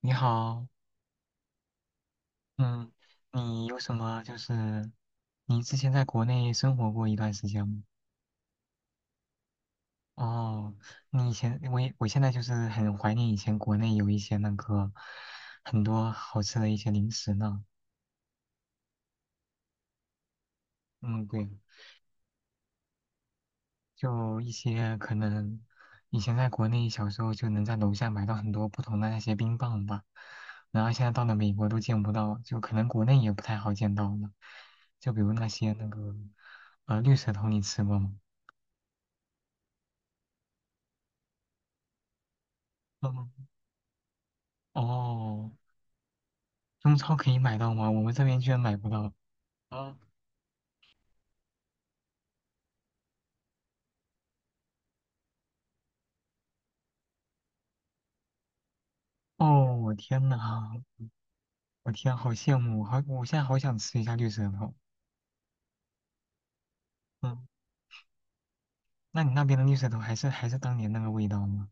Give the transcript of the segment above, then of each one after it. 你好。嗯，你有什么就是你之前在国内生活过一段时间吗？哦，你以前我也我现在就是很怀念以前国内有一些很多好吃的一些零食呢。嗯，对。就一些可能以前在国内小时候就能在楼下买到很多不同的那些冰棒吧，然后现在到了美国都见不到，就可能国内也不太好见到了。就比如那个绿舌头，你吃过吗？嗯。哦，中超可以买到吗？我们这边居然买不到。啊。哦，我天呐，我天，好羡慕。好，我现在好想吃一下绿舌头。嗯，那你那边的绿舌头还是当年那个味道吗？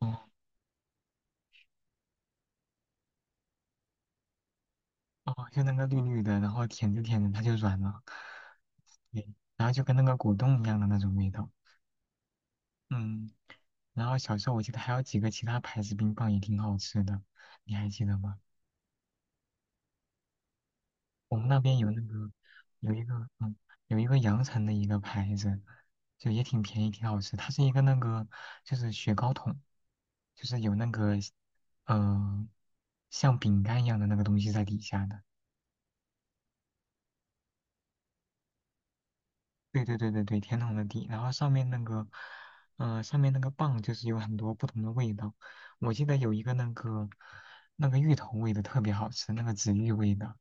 哦。哦，就那个绿绿的，然后舔着舔着它就软了。对，然后就跟那个果冻一样的那种味道。嗯，然后小时候我记得还有几个其他牌子冰棒也挺好吃的，你还记得吗？我们那边有有一个嗯有一个阳城的一个牌子，就也挺便宜，挺好吃。它是一个就是雪糕筒，就是有那个呃像饼干一样的那个东西在底下的。对对对对对，甜筒的底，然后上面那个棒就是有很多不同的味道。我记得有一个那个那个芋头味的特别好吃，那个紫芋味的。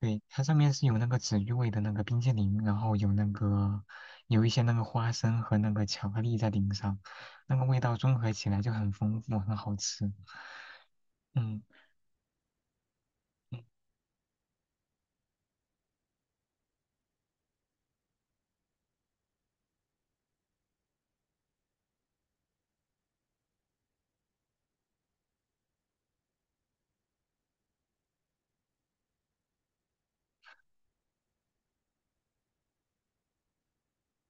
对，它上面是有那个紫玉味的那个冰淇淋，然后有一些那个花生和那个巧克力在顶上，那个味道综合起来就很丰富，很好吃。嗯。嗯。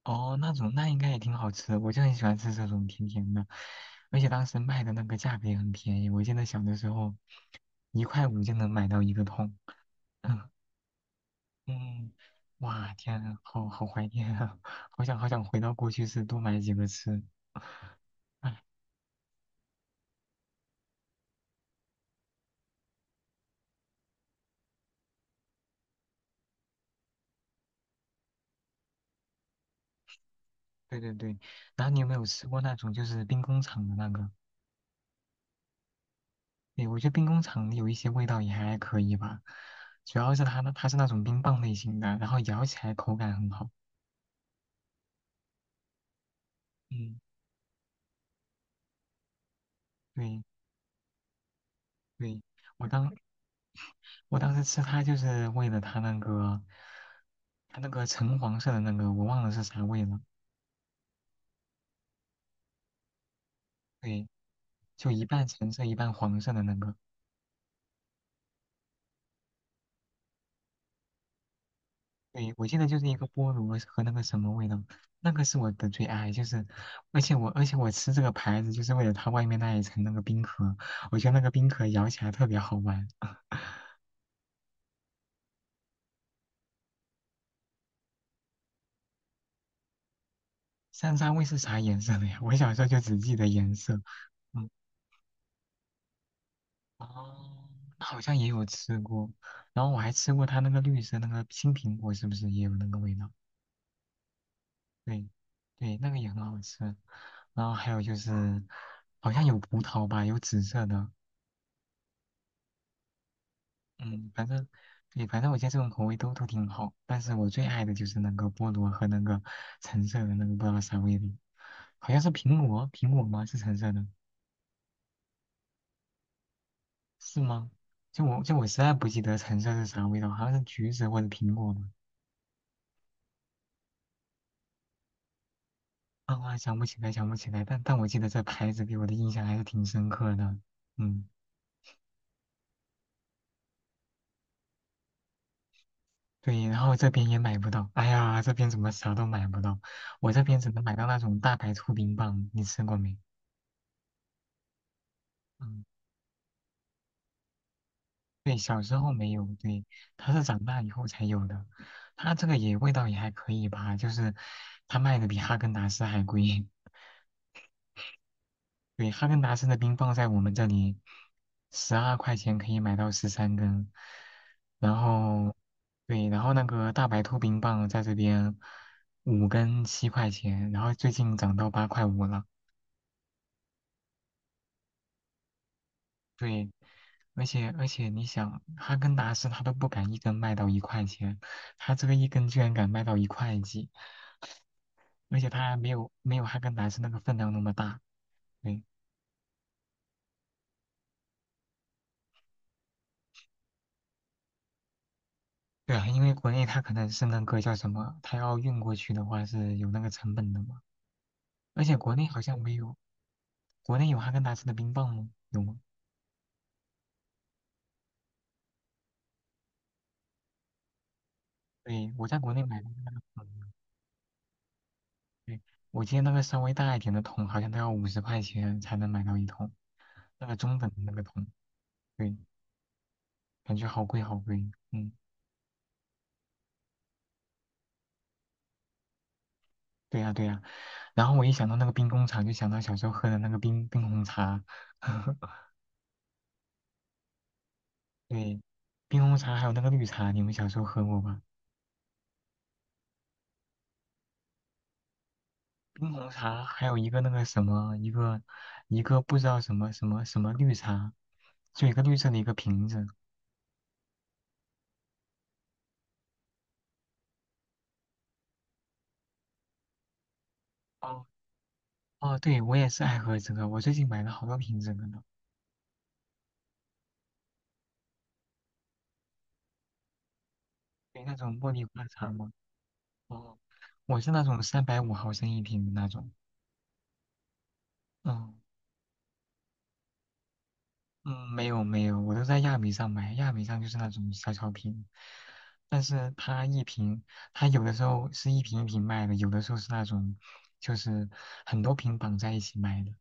哦，那种那应该也挺好吃的，我就很喜欢吃这种甜甜的，而且当时卖的那个价格也很便宜，我记得小的时候1块5就能买到一个桶。嗯。嗯。哇，天啊，好好怀念啊，好想好想回到过去是多买几个吃。唉。对对对，然后你有没有吃过那种就是兵工厂的那个？对，我觉得兵工厂有一些味道也还可以吧，主要是它是那种冰棒类型的，然后咬起来口感很好。嗯。对。对，我当我当时吃它就是为了它那个橙黄色的那个，我忘了是啥味了。对，就一半橙色一半黄色的那个。对，我记得就是一个菠萝和那个什么味道，那个是我的最爱，就是，而且我吃这个牌子就是为了它外面那一层那个冰壳，我觉得那个冰壳咬起来特别好玩。山楂味是啥颜色的呀？我小时候就只记得颜色。嗯。哦，那好像也有吃过，然后我还吃过它那个绿色那个青苹果，是不是也有那个味道？对。对，那个也很好吃。然后还有就是，好像有葡萄吧，有紫色的。嗯，反正，对，反正我觉得这种口味都挺好，但是我最爱的就是那个菠萝和那个橙色的那个不知道啥味的，好像是苹果，苹果吗？是橙色的，是吗？就我实在不记得橙色是啥味道，好像是橘子或者苹果吧。啊，我还想不起来，想不起来，但我记得这牌子给我的印象还是挺深刻的。嗯。对，然后这边也买不到，哎呀，这边怎么啥都买不到？我这边只能买到那种大白兔冰棒，你吃过没？嗯。对，小时候没有，对，它是长大以后才有的。它这个也味道也还可以吧，就是它卖的比哈根达斯还贵。对，哈根达斯的冰棒在我们这里12块钱可以买到13根，然后，对，然后那个大白兔冰棒在这边5根7块钱，然后最近涨到8块5了。对，而且你想，哈根达斯他都不敢一根卖到1块钱，他这个一根居然敢卖到1块几。而且它还没有哈根达斯那个分量那么大。对。对啊，因为国内它可能是那个叫什么，它要运过去的话是有那个成本的嘛。而且国内好像没有，国内有哈根达斯的冰棒吗？有吗？对，我在国内买的那个桶。对，我记得那个稍微大一点的桶好像都要50块钱才能买到一桶，那个中等的那个桶。对，感觉好贵好贵。嗯。对呀对呀。然后我一想到那个冰工厂，就想到小时候喝的那个冰冰红茶。对，冰红茶还有那个绿茶，你们小时候喝过吧？冰红茶还有一个那个什么，一个不知道什么绿茶，就一个绿色的一个瓶子。哦。哦，对，我也是爱喝这个，我最近买了好多瓶子的呢。对，那种茉莉花茶嘛。哦，我是那种350毫升一瓶的那种。嗯。嗯，没有没有，我都在亚米上买，亚米上就是那种小小瓶，但是它一瓶，它有的时候是一瓶一瓶卖的，有的时候是那种就是很多瓶绑在一起卖的。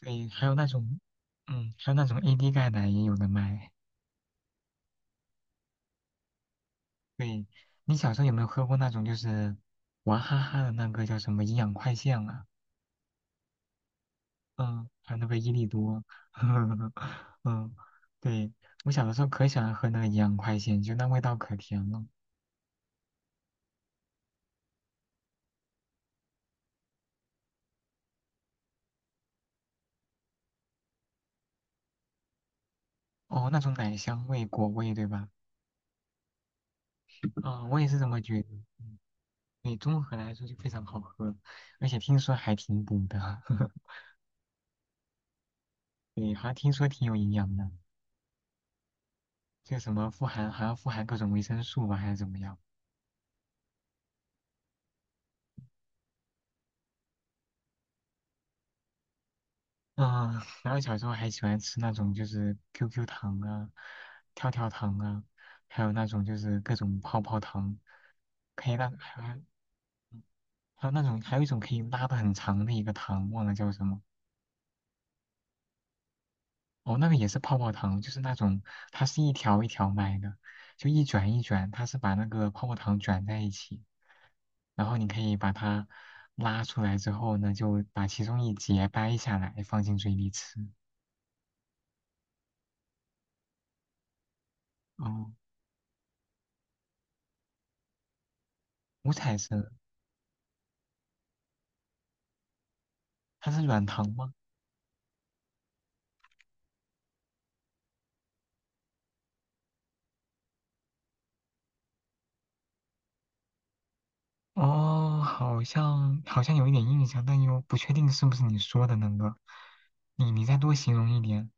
对，还有那种，嗯，还有那种 AD 钙奶也有的卖。对，你小时候有没有喝过那种就是娃哈哈的那个叫什么营养快线啊？嗯，还有那个伊利多，嗯，对，我小的时候可喜欢喝那个营养快线，就那味道可甜了。哦，那种奶香味、果味，对吧？啊、我也是这么觉得。对，综合来说就非常好喝，而且听说还挺补的。对，好像听说挺有营养的，就什么富含，好像富含各种维生素吧，还是怎么样？嗯，然后小时候还喜欢吃那种就是 QQ 糖啊、跳跳糖啊，还有那种就是各种泡泡糖，可以让还还有那种，还有一种可以拉的很长的一个糖，忘了叫什么。哦，那个也是泡泡糖，就是那种它是一条一条卖的，就一卷一卷，它是把那个泡泡糖卷在一起，然后你可以把它拉出来之后呢，就把其中一节掰下来放进嘴里吃。哦，五彩色，它是软糖吗？哦，好像好像有一点印象，但又不确定是不是你说的那个。你再多形容一点。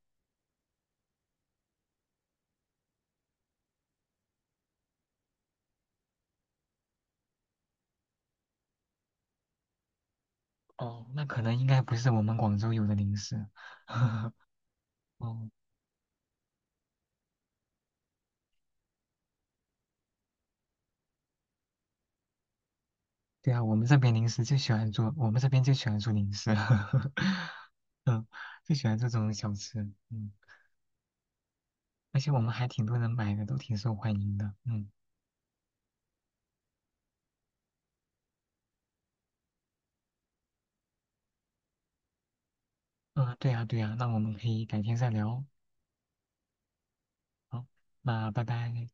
哦，那可能应该不是我们广州有的零食。哦，对啊，我们这边零食就喜欢做，我们这边就喜欢做零食，嗯，就喜欢这种小吃。嗯，而且我们还挺多人买的，都挺受欢迎的。嗯。嗯，对呀对呀，那我们可以改天再聊哦。好，那拜拜。